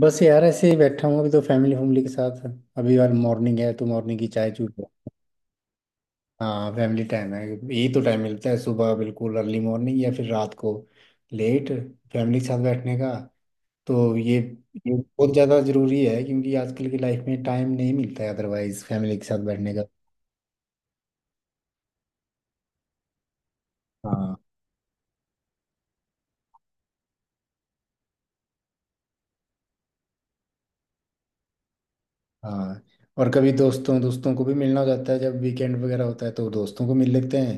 बस यार ऐसे ही बैठा हूँ अभी तो फैमिली फैमिली के साथ। अभी यार मॉर्निंग है तो मॉर्निंग की चाय चूर। हाँ फैमिली टाइम है, यही तो टाइम मिलता है सुबह बिल्कुल अर्ली मॉर्निंग या फिर रात को लेट फैमिली के साथ बैठने का। तो ये बहुत ज़्यादा ज़रूरी है क्योंकि आजकल की लाइफ में टाइम नहीं मिलता है अदरवाइज फैमिली के साथ बैठने का। हाँ। हाँ। और कभी दोस्तों दोस्तों को भी मिलना हो जाता है जब वीकेंड वगैरह होता है तो दोस्तों को मिल लेते हैं।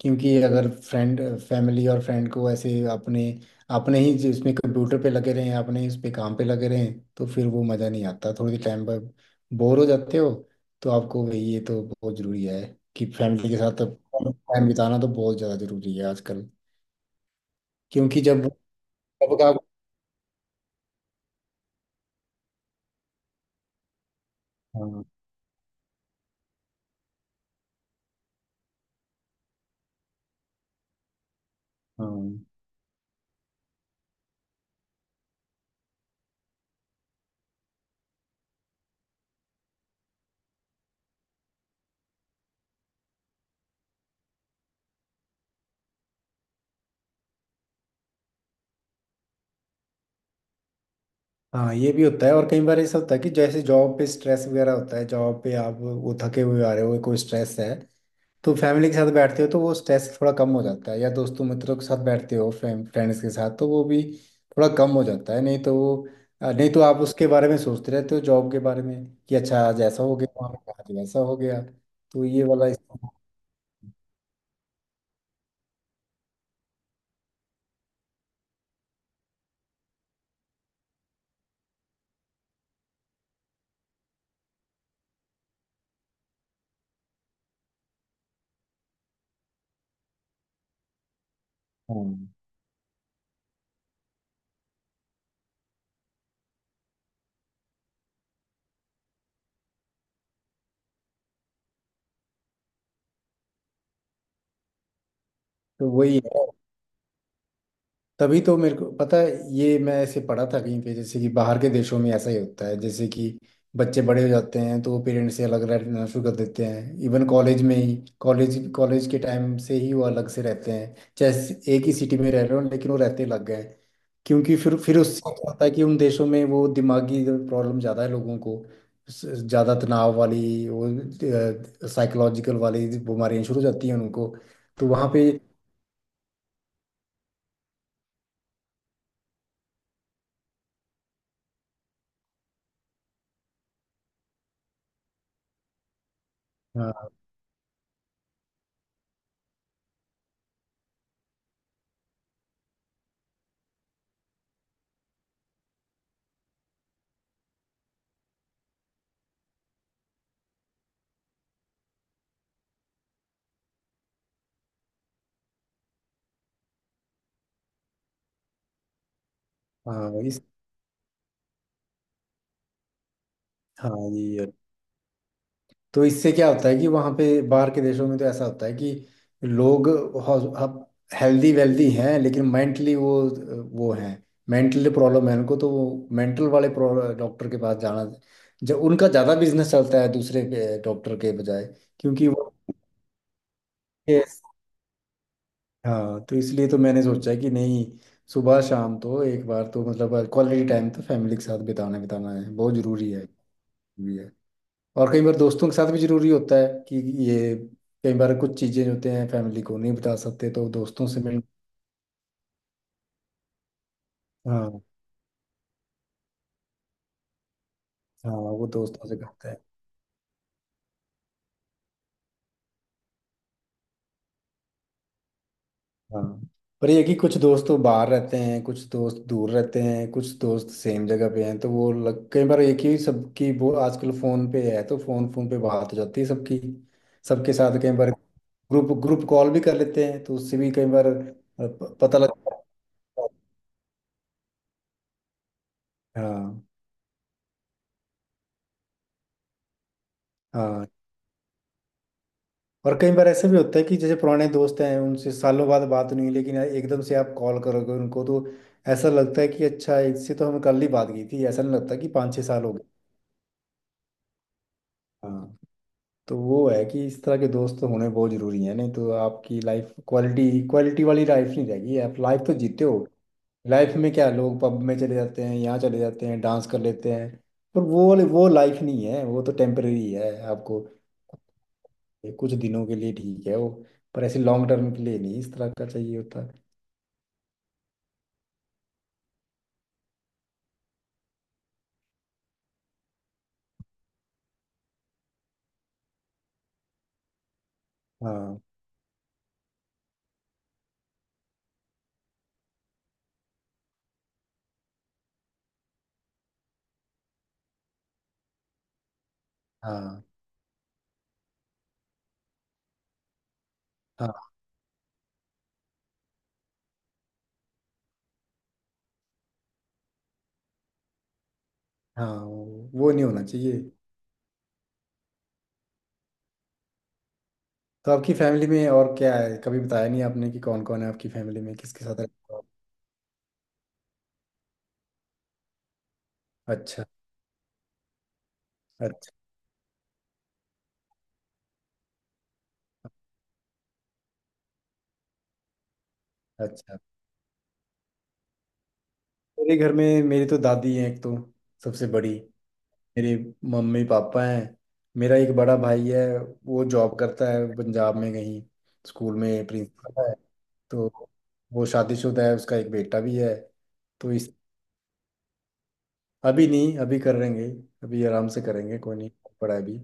क्योंकि अगर फ्रेंड फैमिली और फ्रेंड को ऐसे अपने अपने ही जिसमें कंप्यूटर पे लगे रहें अपने ही उस पे काम पे लगे रहें तो फिर वो मज़ा नहीं आता थोड़ी टाइम पर। बोर हो जाते हो। तो आपको वही ये तो बहुत ज़रूरी है कि फैमिली के साथ टाइम बिताना तो बहुत ज़्यादा ज़रूरी है आजकल। क्योंकि जब। जब का। हाँ। हाँ। हाँ ये भी होता है और कई बार ऐसा होता है कि जैसे जॉब पे स्ट्रेस वगैरह होता है, जॉब पे आप वो थके हुए आ रहे हो, कोई स्ट्रेस है तो फैमिली के साथ बैठते हो तो वो स्ट्रेस थोड़ा कम हो जाता है, या दोस्तों मित्रों के साथ बैठते हो फ्रेंड्स के साथ तो वो भी थोड़ा कम हो जाता है। नहीं तो वो नहीं तो आप उसके बारे में सोचते रहते हो जॉब के बारे में कि अच्छा आज ऐसा हो गया वहाँ पे, आज वैसा हो गया। तो ये वाला हाँ तो वही है। तभी तो मेरे को पता है, ये मैं ऐसे पढ़ा था कहीं पे जैसे कि बाहर के देशों में ऐसा ही होता है जैसे कि बच्चे बड़े हो जाते हैं तो वो पेरेंट्स से अलग रहना शुरू कर देते हैं। इवन कॉलेज में ही, कॉलेज कॉलेज के टाइम से ही वो अलग से रहते हैं, जैसे एक ही सिटी में रह रहे हो लेकिन वो रहते लग गए। क्योंकि फिर उससे क्या होता है कि उन देशों में वो दिमागी प्रॉब्लम ज़्यादा है लोगों को, ज़्यादा तनाव वाली वो साइकोलॉजिकल वाली बीमारियाँ शुरू हो जाती हैं उनको। तो वहाँ पे। हाँ। हाँ। इस। हाँ ये तो। इससे क्या होता है कि वहाँ पे बाहर के देशों में तो ऐसा होता है कि लोग हेल्दी वेल्दी हैं लेकिन मेंटली वो हैं, मेंटली प्रॉब्लम है उनको, तो वो मेंटल वाले डॉक्टर के पास जाना, जब उनका ज़्यादा बिजनेस चलता है दूसरे डॉक्टर के बजाय। क्योंकि वो Yes। हाँ तो इसलिए तो मैंने सोचा कि नहीं, सुबह शाम तो एक बार तो मतलब क्वालिटी टाइम तो फैमिली के साथ बिताना बिताना है, बहुत ज़रूरी है। और कई बार दोस्तों के साथ भी जरूरी होता है कि ये कई बार कुछ चीजें होते हैं फैमिली को नहीं बता सकते तो दोस्तों से मिल। हाँ। हाँ वो दोस्तों से करते हैं। हाँ पर ये है कि कुछ दोस्त तो बाहर रहते हैं, कुछ दोस्त दूर रहते हैं, कुछ दोस्त सेम जगह पे हैं, तो वो कई बार एक ही सबकी वो आजकल फोन पे है तो फोन फोन पे बात हो जाती है सबकी, सबके साथ कई बार ग्रुप ग्रुप कॉल भी कर लेते हैं तो उससे भी कई बार पता लगता है। हाँ। हाँ। और कई बार ऐसे भी होता है कि जैसे पुराने दोस्त हैं, उनसे सालों बाद बात नहीं हुई, लेकिन एकदम से आप कॉल करोगे उनको तो ऐसा लगता है कि अच्छा इससे तो हमें कल ही बात की थी, ऐसा नहीं लगता कि पाँच छः साल हो गए। हाँ तो वो है कि इस तरह के दोस्त तो होने बहुत ज़रूरी है, नहीं तो आपकी लाइफ क्वालिटी क्वालिटी वाली लाइफ नहीं रहेगी। आप लाइफ तो जीते हो, लाइफ में क्या, लोग पब में चले जाते हैं, यहाँ चले जाते हैं, डांस कर लेते हैं, पर वो लाइफ नहीं है, वो तो टेम्परेरी है आपको। ये कुछ दिनों के लिए ठीक है वो, पर ऐसे लॉन्ग टर्म के लिए नहीं, इस तरह का चाहिए होता। हाँ। हाँ। हाँ। हाँ वो नहीं होना चाहिए। तो आपकी फैमिली में और क्या है, कभी बताया नहीं आपने कि कौन कौन है आपकी फैमिली में, किसके साथ रहते हो। अच्छा। अच्छा। अच्छा मेरे घर में मेरी तो दादी है एक तो, सबसे बड़ी। मेरे मम्मी पापा हैं। मेरा एक बड़ा भाई है, वो जॉब करता है पंजाब में कहीं, स्कूल में प्रिंसिपल है। तो वो शादीशुदा है, उसका एक बेटा भी है। तो इस अभी नहीं, अभी करेंगे, अभी आराम से करेंगे, कोई नहीं पड़ा है अभी।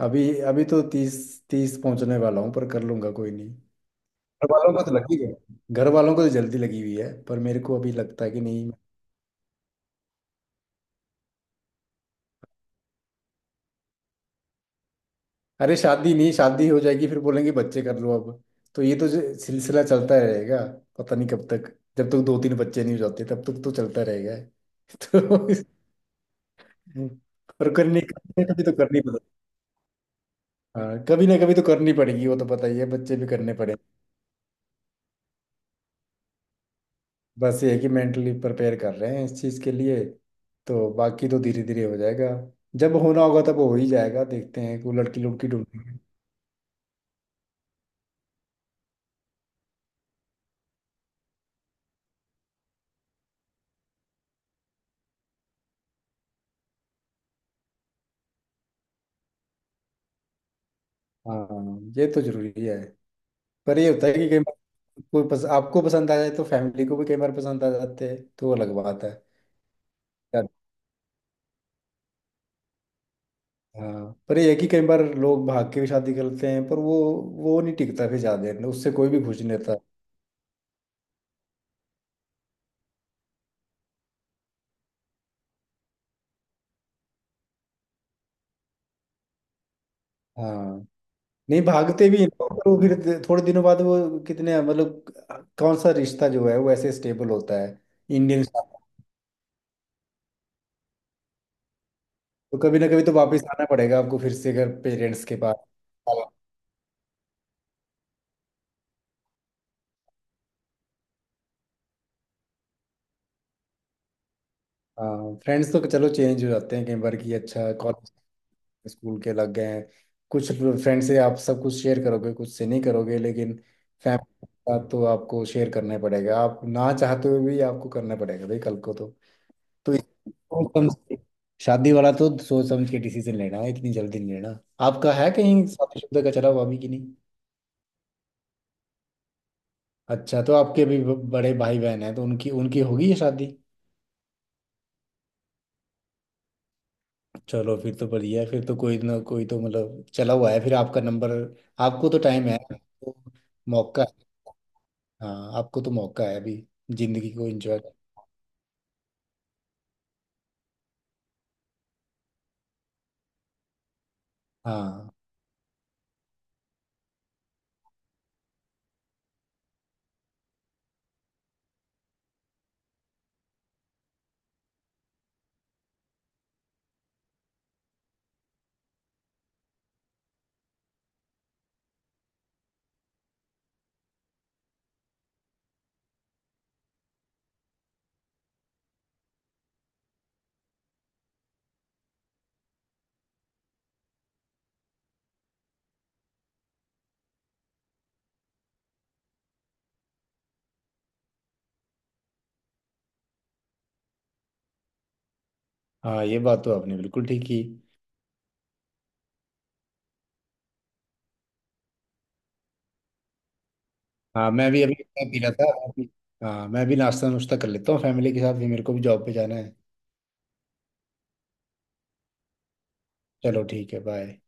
अभी अभी तो तीस तीस पहुंचने वाला हूँ, पर कर लूंगा कोई नहीं। घर वालों को तो लगी है, घर वालों को तो जल्दी लगी हुई है पर मेरे को अभी लगता है कि नहीं। अरे शादी नहीं, शादी हो जाएगी फिर बोलेंगे बच्चे कर लो अब। तो ये तो जो सिलसिला चलता रहेगा, पता नहीं कब तक। जब तक दो तीन बच्चे नहीं हो जाते तब तक तो चलता रहेगा तो पर करनी कभी ना कभी तो करनी पड़ेगी। हाँ कभी ना कभी तो करनी पड़ेगी, वो तो पता ही है, बच्चे भी करने पड़े। बस ये है कि मेंटली प्रिपेयर कर रहे हैं इस चीज़ के लिए, तो बाकी तो धीरे धीरे हो जाएगा। जब होना होगा तब हो ही जाएगा, देखते हैं कोई लड़की लुड़की ढूंढेंगे। हाँ ये तो जरूरी है। पर ये होता है कि कई बार कोई आपको पसंद आ जाए तो फैमिली को भी कई बार पसंद आ जाते हैं तो वो अलग बात है। यार, हाँ पर ये है कि कई बार लोग भाग के भी शादी करते हैं पर वो नहीं टिकता फिर ज्यादा देर, उससे कोई भी खुश नहीं रहता। हाँ नहीं भागते भी हैं लोग, पर वो फिर थोड़े दिनों बाद वो कितने मतलब कौन सा रिश्ता जो है वो ऐसे स्टेबल होता है। Indian style. तो कभी ना कभी तो वापस आना पड़ेगा आपको फिर से घर पेरेंट्स के पास। हाँ फ्रेंड्स तो चलो चेंज हो जाते हैं कई बार कि अच्छा कॉलेज स्कूल के लग गए हैं कुछ। फ्रेंड से आप सब कुछ शेयर करोगे, कुछ से नहीं करोगे, लेकिन फैमिली के साथ तो आपको शेयर करना ही पड़ेगा, आप ना चाहते हुए भी आपको करना पड़ेगा भाई कल को तो। तो इसको कम से शादी वाला तो सोच समझ के डिसीजन लेना है, इतनी जल्दी नहीं लेना। आपका है कहीं शादीशुदा का चला हुआ अभी कि नहीं। अच्छा तो आपके भी बड़े भाई बहन हैं तो उनकी उनकी होगी ये शादी। चलो फिर तो बढ़िया है, फिर तो कोई ना कोई तो मतलब चला हुआ है, फिर आपका नंबर। आपको तो टाइम है तो मौका है। हाँ आपको तो मौका है अभी, जिंदगी को एंजॉय कर। हाँ। हाँ ये बात तो आपने बिल्कुल ठीक की। हाँ मैं भी अभी चाय पी रहा था हाँ मैं भी नाश्ता नुश्ता कर लेता हूँ, फैमिली के साथ भी मेरे को भी जॉब पे जाना है। चलो ठीक है, बाय।